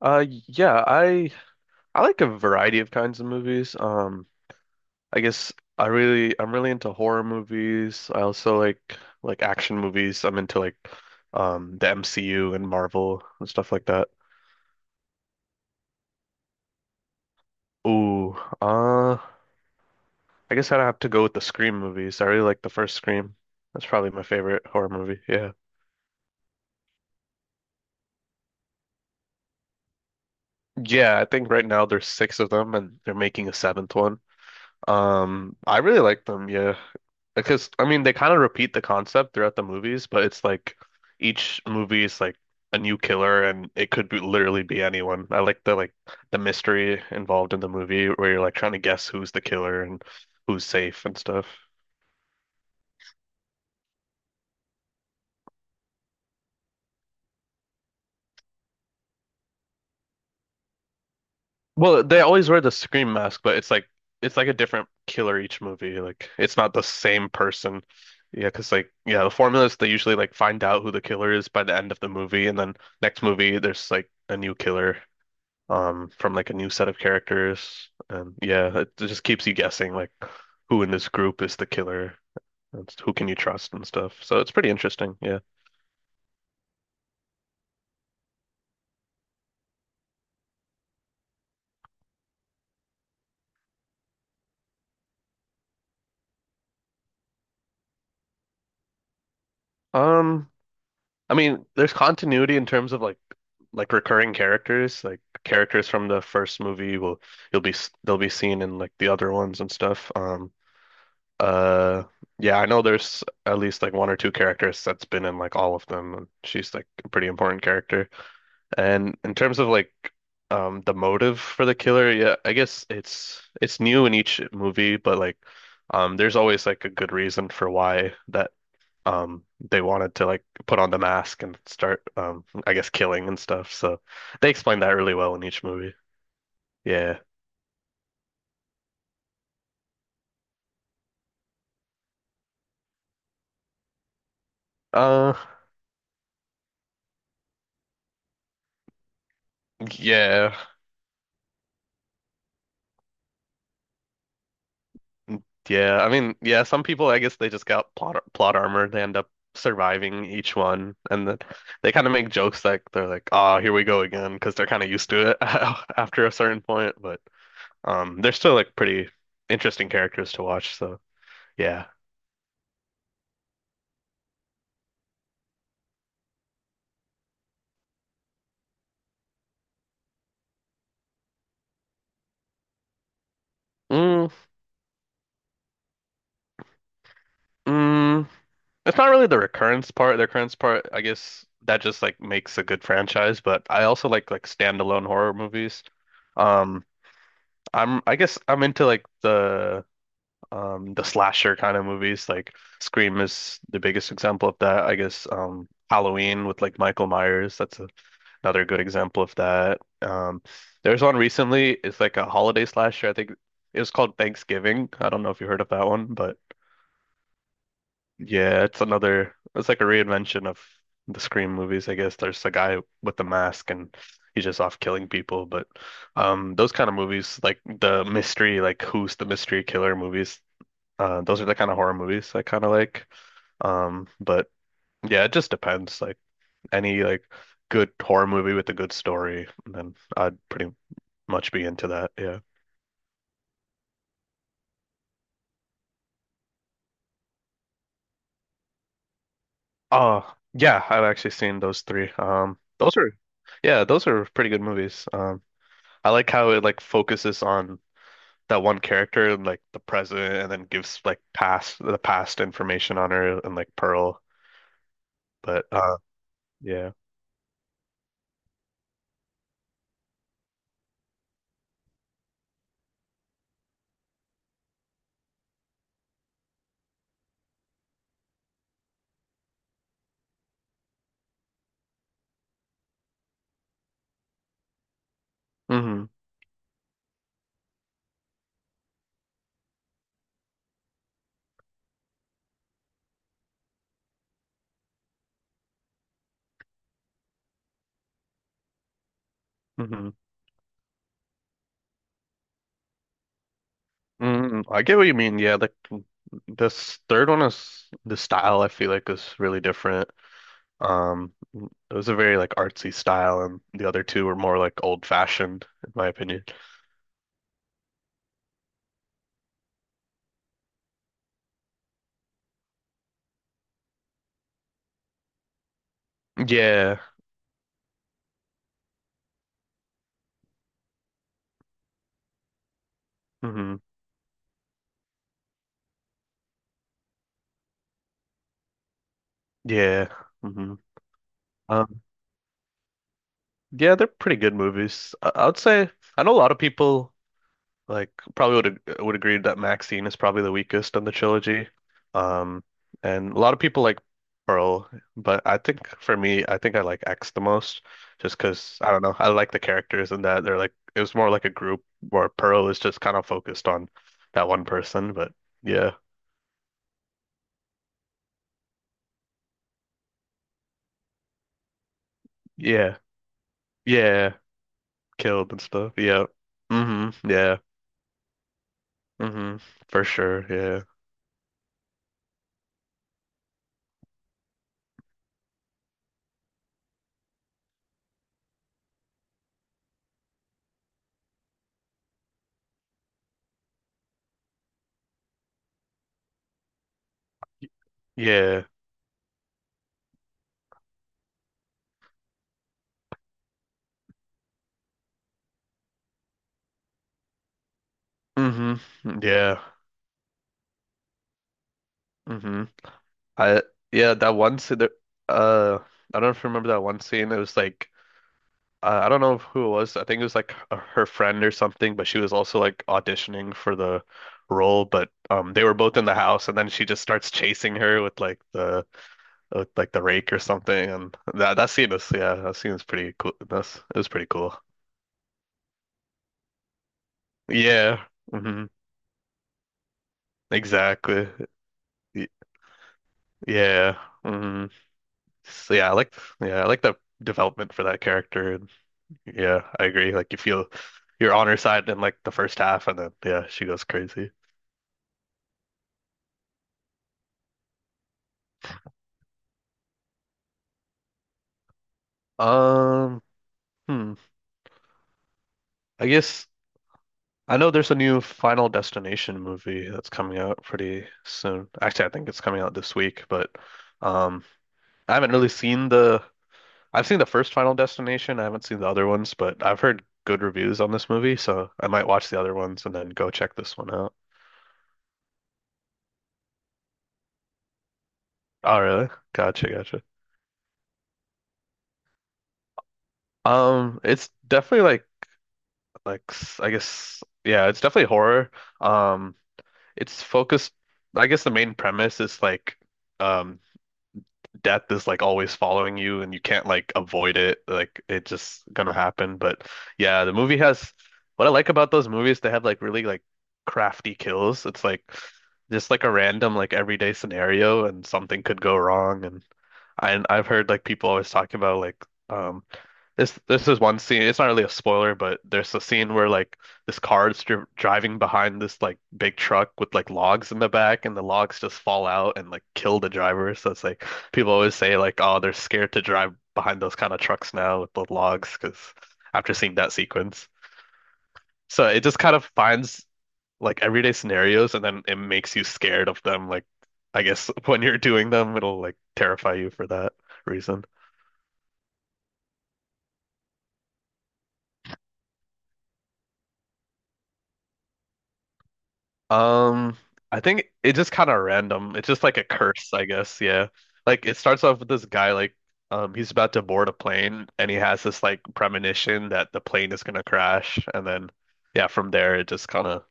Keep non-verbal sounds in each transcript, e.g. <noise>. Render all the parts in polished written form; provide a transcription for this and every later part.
Uh, yeah, I I like a variety of kinds of movies. I guess I really I'm really into horror movies. I also like action movies. I'm into like the MCU and Marvel and stuff like that. Ooh, uh, I guess I'd have to go with the Scream movies. I really like the first Scream. That's probably my favorite horror movie. Yeah. Yeah, I think right now there's six of them and they're making a seventh one. I really like them. Yeah. Because I mean, they kind of repeat the concept throughout the movies, but it's like each movie is like a new killer, and it could be literally be anyone. I like the mystery involved in the movie where you're like trying to guess who's the killer and who's safe and stuff. Well, they always wear the scream mask, but it's like a different killer each movie. Like it's not the same person. Yeah, because like yeah, the formula is they usually like find out who the killer is by the end of the movie, and then next movie there's like a new killer. From like a new set of characters, and yeah, it just keeps you guessing like who in this group is the killer and who can you trust and stuff, so it's pretty interesting. Yeah. um I mean there's continuity in terms of like recurring characters, like characters from the first movie will they'll be seen in like the other ones and stuff. Uh yeah, I know there's at least like one or two characters that's been in like all of them, and she's like a pretty important character. And in terms of like the motive for the killer, yeah, I guess it's new in each movie, but like there's always like a good reason for why that um they wanted to like put on the mask and start I guess killing and stuff. So they explain that really well in each movie. Yeah. Uh yeah. Yeah, I mean, yeah, some people, I guess they just got plot armor. They end up surviving each one, and then they kind of make jokes like they're like, "Ah, here we go again," because they're kind of used to it <laughs> after a certain point. But they're still like pretty interesting characters to watch. So yeah. mm, mm, it's not really the recurrence part. The recurrence part, I guess, that just like makes a good franchise. But I also like standalone horror movies. Um, I guess I'm into like the slasher kind of movies like Scream is the biggest example of that, I guess. Halloween with like Michael Myers, that's a another good example of that. There's one recently, it's like a holiday slasher, I think it was called Thanksgiving. I don't know if you heard of that one, but yeah, it's another, it's like a reinvention of the Scream movies, I guess. There's a guy with the mask and he's just off killing people. But those kind of movies, like the mystery like who's the mystery killer movies, those are the kind of horror movies I kind of like. But yeah, it just depends. Like any like good horror movie with a good story, then I'd pretty much be into that. Yeah. Oh, yeah, I've actually seen those three. Those are, yeah, those are pretty good movies. I like how it like focuses on that one character and like the present, and then gives like past the past information on her and like Pearl. But yeah. Mm-hmm. Mm-hmm. Mm, I get what you mean. Yeah, like mm, this third one is the style, I feel like, is really different. Um, it was a very like artsy style, and the other two were more like old fashioned, in my opinion. Yeah. Hmm. Yeah. Hmm. Um, yeah, they're pretty good movies. I would say I know a lot of people like probably would would agree that Maxine is probably the weakest on the trilogy. Um, and a lot of people like Pearl, but I think for me, I think I like X the most just because I don't know. I like the characters, and that they're like it was more like a group where Pearl is just kind of focused on that one person, but yeah. Yeah. Yeah. Killed and stuff. Yeah. Mm-hmm. Yeah. Mm-hmm. For sure. Yeah. Yeah. Mm-hmm. Yeah. Mm-hmm. I yeah, that one scene there, uh I don't know if you remember that one scene. It was like I don't know who it was. I think it was like her friend or something, but she was also like auditioning for the role, but they were both in the house and then she just starts chasing her with like the rake or something, and that scene is yeah, that scene is pretty cool. That's it was pretty cool. Yeah. Hmm. Exactly. Y- Yeah. Hmm. So yeah, I like the development for that character. Yeah, I agree. Like you feel you're on her side in like the first half, and then yeah, she goes crazy. Um, hmm. I guess I know there's a new Final Destination movie that's coming out pretty soon. Actually, I think it's coming out this week, but um, I haven't really seen the. I've seen the first Final Destination. I haven't seen the other ones, but I've heard good reviews on this movie, so I might watch the other ones and then go check this one out. Oh, really? Gotcha, gotcha. It's definitely I guess yeah, it's definitely horror. Um, it's focused. I guess the main premise is like um death is like always following you and you can't like avoid it. Like it's just gonna happen. But yeah, the movie has what I like about those movies, they have like really like crafty kills. It's like just like a random like everyday scenario and something could go wrong. And I've heard like people always talking about like um this is one scene. It's not really a spoiler, but there's a scene where like this car is driving behind this like big truck with like logs in the back, and the logs just fall out and like kill the driver. So it's like people always say like, oh, they're scared to drive behind those kind of trucks now with the logs, because after seeing that sequence, so it just kind of finds like everyday scenarios, and then it makes you scared of them. Like I guess <laughs> when you're doing them, it'll like terrify you for that reason. Um, I think it just kind of random. It's just like a curse, I guess. Yeah. Like it starts off with this guy like he's about to board a plane and he has this like premonition that the plane is gonna crash, and then yeah, from there it just kind of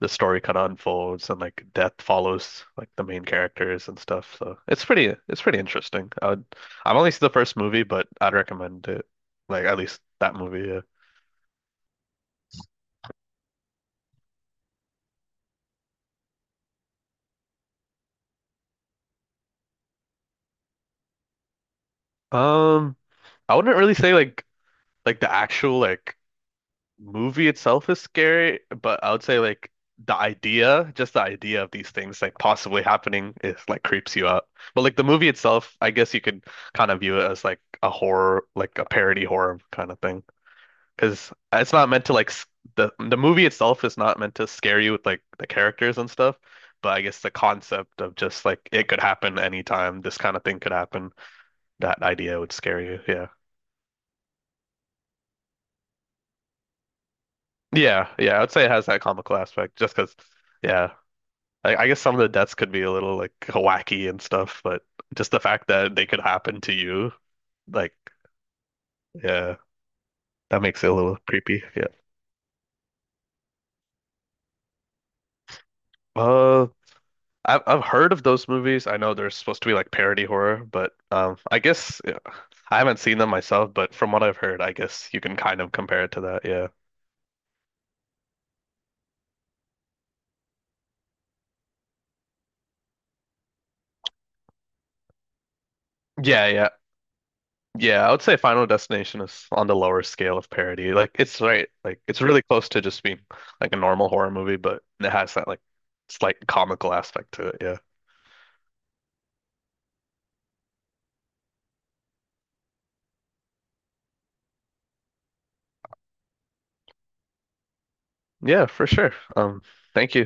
the story kind of unfolds, and like death follows like the main characters and stuff. So it's pretty interesting. I would, I've only seen the first movie, but I'd recommend it. Like at least that movie, yeah. Um, I wouldn't really say like like the actual movie itself is scary, but I would say like the idea, just the idea of these things like possibly happening is like creeps you out. But like the movie itself, I guess you could kind of view it as like a horror, like a parody horror kind of thing. Because it's not meant to like the movie itself is not meant to scare you with like the characters and stuff. But I guess the concept of just like it could happen anytime, this kind of thing could happen, that idea would scare you. Yeah. Yeah. Yeah. I would say it has that comical aspect just because, yeah. I guess some of the deaths could be a little like wacky and stuff, but just the fact that they could happen to you, like, yeah, that makes it a little creepy. Yeah. Uh, I've heard of those movies. I know they're supposed to be like parody horror, but I guess yeah, I haven't seen them myself. But from what I've heard, I guess you can kind of compare it to that. Yeah. Yeah. Yeah. Yeah, I would say Final Destination is on the lower scale of parody. Like it's right, like it's really close to just being like a normal horror movie, but it has that like slight comical aspect to it. Yeah. Yeah, for sure. Thank you.